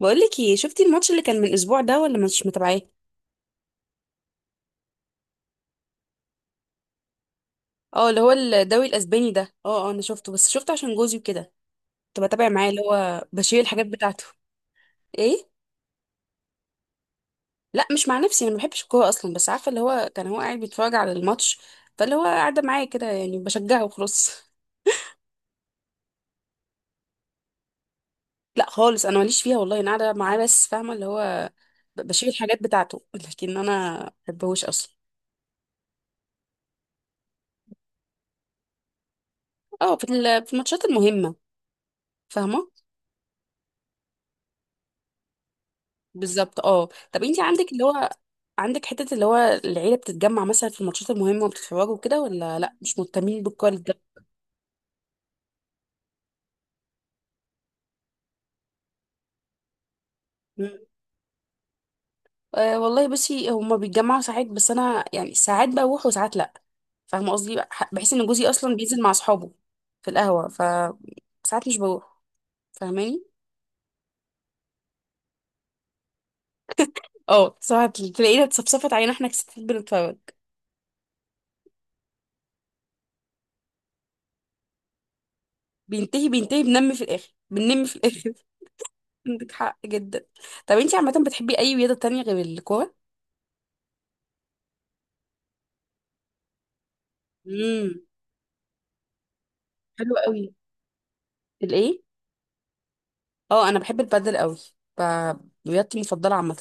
بقولك ايه، شفتي الماتش اللي كان من اسبوع ده ولا مش متابعاه؟ اه اللي هو الدوري الاسباني ده. اه انا شفته، بس شفته عشان جوزي وكده. كنت بتابع معاه اللي هو بشيل الحاجات بتاعته. ايه؟ لا مش مع نفسي، انا ما بحبش الكوره اصلا، بس عارفه اللي هو كان هو قاعد بيتفرج على الماتش، فاللي هو قاعده معايا كده يعني بشجعه وخلاص. لا خالص، انا ماليش فيها والله، انا قاعده معاه بس فاهمه اللي هو بشيل الحاجات بتاعته. لكن انا ما بحبهوش اصلا. اه، في الماتشات المهمه. فاهمه. بالظبط. اه، طب انت عندك اللي هو، عندك حتة اللي هو العيلة بتتجمع مثلا في الماتشات المهمة وبتتفرجوا كده، ولا لا مش مهتمين بالكواليس ده؟ مم. أه والله، بصي هما بيتجمعوا ساعات، بس انا يعني ساعات بروح وساعات لا. فاهمة قصدي؟ بحس ان جوزي اصلا بينزل مع اصحابه في القهوة، ف ساعات مش بروح. فاهماني؟ اه، ساعات تلاقينا اتصفصفت علينا احنا كستات بنتفرج. بينتهي، بينتهي، بنم في الاخر، بننم في الاخر. عندك حق جدا. طب انت عامة بتحبي اي رياضة تانية غير الكورة؟ حلو قوي. الايه؟ اه، انا بحب البادل قوي. ب- رياضتي المفضله عامه.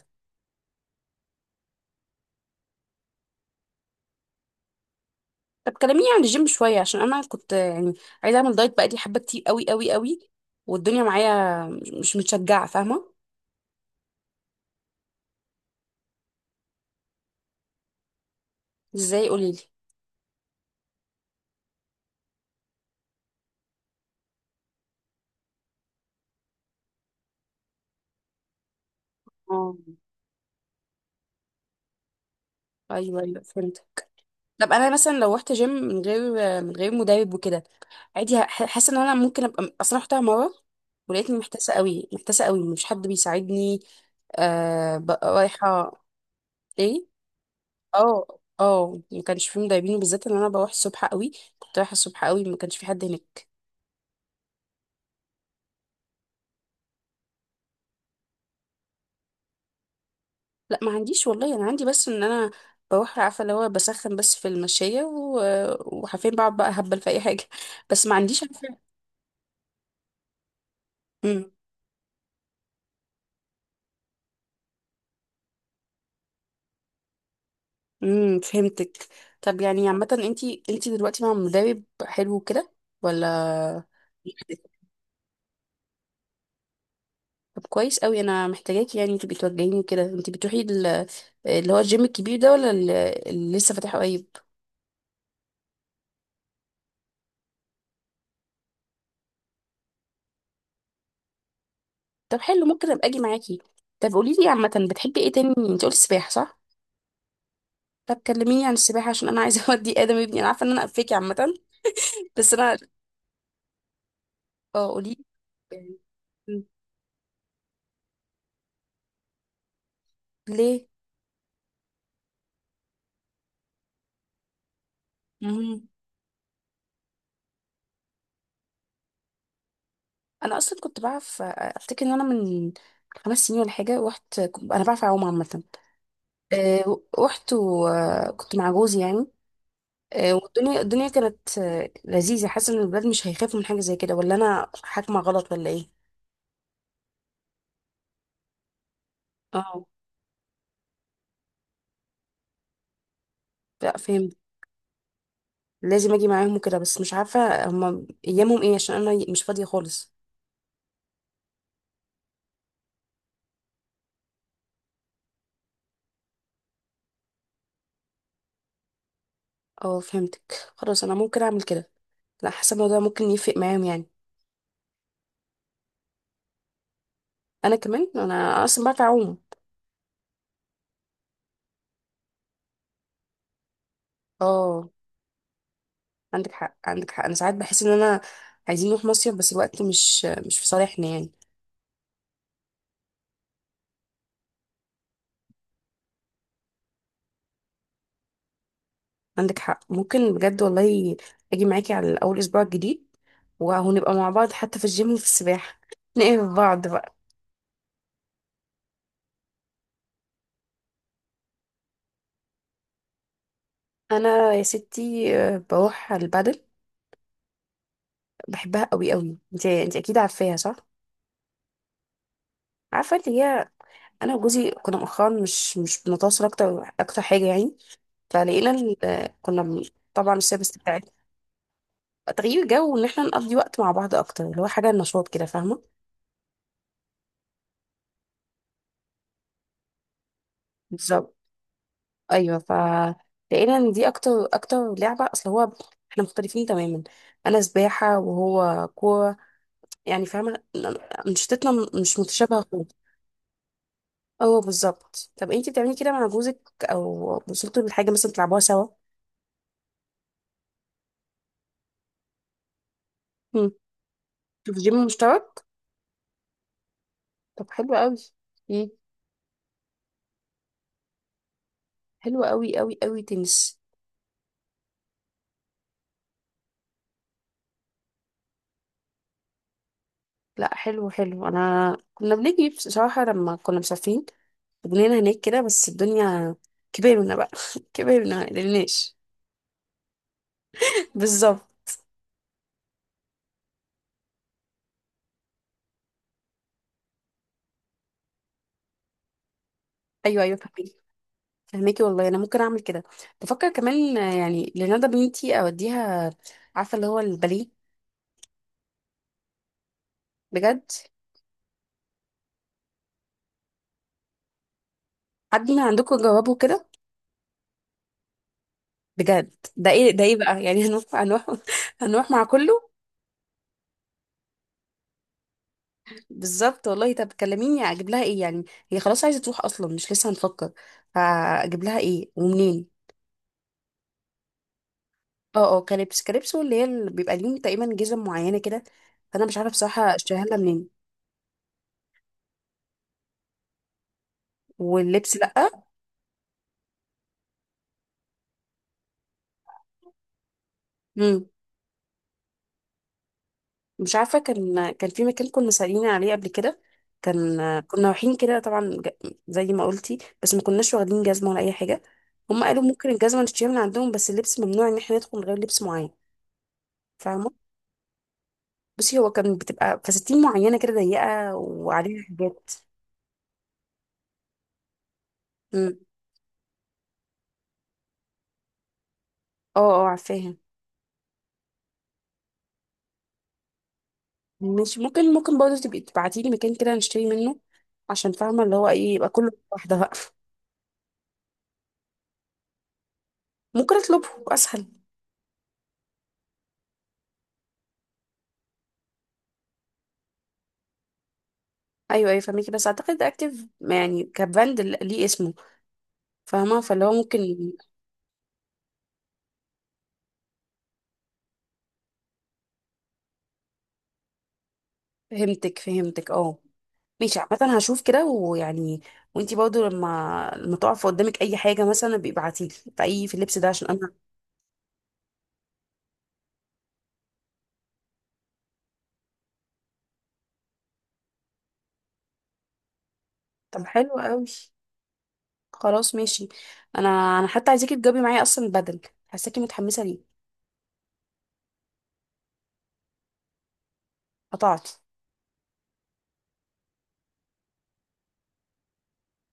طب كلميني عن الجيم شويه، عشان انا كنت يعني عايزه اعمل دايت بقالي حبه كتير قوي قوي قوي، والدنيا معايا مش متشجعه فاهمه. ازاي؟ قولي لي. اه. ايوه ايوه، فهمت. طب انا مثلا لو رحت جيم من غير، من غير مدرب وكده، عادي؟ حاسه ان انا ممكن ابقى اصلا رحتها مره ولقيتني محتاسه قوي، محتاسه قوي، مش حد بيساعدني. آه، بقى رايحه. ايه؟ اه. اه، ما كانش فيه مدربين، وبالذات ان انا بروح الصبح قوي. كنت رايحه الصبح قوي، ما كانش في حد هناك. لا، ما عنديش والله، انا عندي بس ان انا بروح عارفه اللي هو بسخن بس في المشايه وحرفيا بقعد بقى هبل في اي حاجه. بس ما عنديش عارفه. امم. فهمتك. طب يعني عامه، انتي دلوقتي مع مدرب حلو كده ولا لوحدك؟ طب كويس قوي، انا محتاجاكي يعني انتي بتوجهيني كده. انتي بتروحي اللي هو الجيم الكبير ده، ولا اللي لسه فاتحه قريب؟ طب حلو، ممكن ابقى اجي معاكي. طب قولي لي، عامه بتحبي ايه تاني؟ انت قلتي سباحه صح؟ طب كلميني عن السباحه، عشان انا عايزه اودي ادم ابني. انا عارفه ان انا قفاكي عامه، بس انا. اه، قولي لي ليه. مم. انا اصلا كنت بعرف، افتكر ان انا من خمس سنين ولا حاجه رحت، انا بعرف اعوم عامه. رحت وكنت مع جوزي يعني. والدنيا كانت لذيذه. حاسه ان الولاد مش هيخافوا من حاجه زي كده، ولا انا حاكمه غلط ولا ايه؟ اه، لا فهمت. لازم اجي معاهم وكده، بس مش عارفه هما ايامهم ايه، عشان انا مش فاضيه خالص. اه فهمتك، خلاص انا ممكن اعمل كده. لا، حاسه الموضوع ممكن يفرق معاهم يعني. انا كمان، انا اصلا بعرف اعوم. اه، عندك حق، عندك حق. انا ساعات بحس ان انا عايزين نروح مصيف، بس الوقت مش في صالحنا يعني. عندك حق، ممكن بجد والله اجي معاكي على اول اسبوع الجديد، وهنبقى مع بعض حتى في الجيم وفي السباحه. نقف بعض بقى. انا يا ستي، بروح على البادل. بحبها قوي قوي. انت اكيد عارفاها صح؟ عارفه اللي هي انا وجوزي كنا مؤخرا مش بنتواصل اكتر اكتر حاجه يعني، فلقينا طبعا السيرفيس بتاعتنا، تغيير جو، وان احنا نقضي وقت مع بعض اكتر، اللي هو حاجه نشاط كده فاهمه. بالظبط. ايوه، ف لقينا ان دي اكتر اكتر لعبه، اصل هو احنا مختلفين تماما. انا سباحه وهو كوره يعني فاهمه. انشطتنا مش متشابهه خالص. اه بالظبط. طب انتي بتعملي كده مع جوزك، او وصلتوا لحاجه مثلا تلعبوها سوا؟ مم. في جيم مشترك؟ طب حلو قوي. ايه؟ حلو قوي قوي قوي، تنس. لا حلو حلو، انا كنا بنيجي بصراحه لما كنا مسافرين، بنينا هناك كده، بس الدنيا كبرنا بقى. كبرنا، مقدرناش. بالظبط. ايوه ايوه فهميكي، فهميكي والله، انا ممكن اعمل كده. بفكر كمان يعني لندى بنتي اوديها، عارفه اللي هو الباليه. بجد. حد من عندكم جوابه كده؟ بجد؟ ده ايه، ده ايه بقى يعني؟ هنروح، هنروح، هنروح مع كله. بالظبط والله. طب كلميني، اجيب لها ايه يعني؟ هي خلاص عايزه تروح اصلا، مش لسه هنفكر. فاجيب لها ايه ومنين؟ اه اه، كريبس كريبس، واللي هي اللي بيبقى ليهم تقريبا جزم معينه كده. فانا مش عارفه بصراحه اشتريها لها منين. واللبس لا؟ امم. مش عارفه، كان في مكان كنا سالين عليه قبل كده. كان كنا رايحين كده، طبعا زي ما قلتي، بس ما كناش واخدين جزمه ولا اي حاجه. هم قالوا ممكن الجزمه نشتريها من عندهم، بس اللبس ممنوع ان احنا ندخل من غير لبس معين فاهمه. بصي هو كان بتبقى فساتين معينة كده ضيقة وعليها حاجات. امم. اه. اه عارفاها. مش ممكن، ممكن برضه تبقي تبعتي لي مكان كده نشتري منه، عشان فاهمة اللي هو ايه، يبقى كله واحدة بقى. ممكن اطلبه اسهل. ايوه ايوه فاهمكي، بس اعتقد اكتف يعني كبراند ليه اسمه. فاهمة، فاللي هو ممكن. فهمتك فهمتك اه. ماشي عامة، هشوف كده ويعني. وانتي برضه لما تقف قدامك اي حاجة مثلا بيبعتيلي في اي في اللبس ده، عشان انا. طب حلو قوي. خلاص ماشي. انا انا حتى عايزاكي تجاوبي معايا اصلا بدل. حاساكي متحمسه ليه؟ قطعتي؟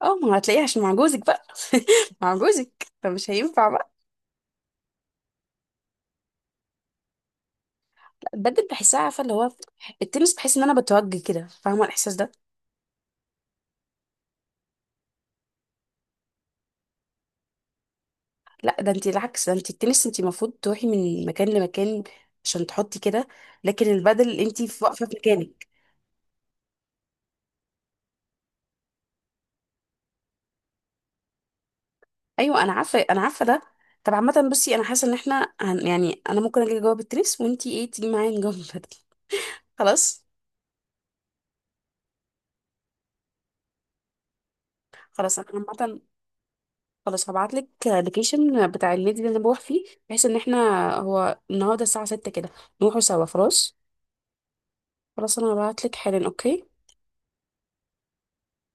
اه، ما هتلاقيه عشان مع جوزك بقى. مع جوزك، فمش هينفع بقى. لا، البدل بحسها عارفه اللي هو، التنس بحس ان انا بتوجه كده فاهمه الاحساس ده. لا، ده انت العكس، ده انت التنس انت المفروض تروحي من مكان لمكان عشان تحطي كده، لكن البدل انت في واقفه في مكانك. ايوه انا عارفه، انا عارفه ده. طب عامه بصي، انا حاسه ان احنا يعني انا ممكن اجي جواب التنس، وانت ايه تيجي معايا نجاوب البدل؟ خلاص. خلاص انا. عامه خلاص، هبعت لك اللوكيشن بتاع النادي اللي انا بروح فيه، بحيث ان احنا، هو النهارده الساعه 6 كده، نروحوا سوا. خلاص. خلاص انا هبعت لك حالا. اوكي.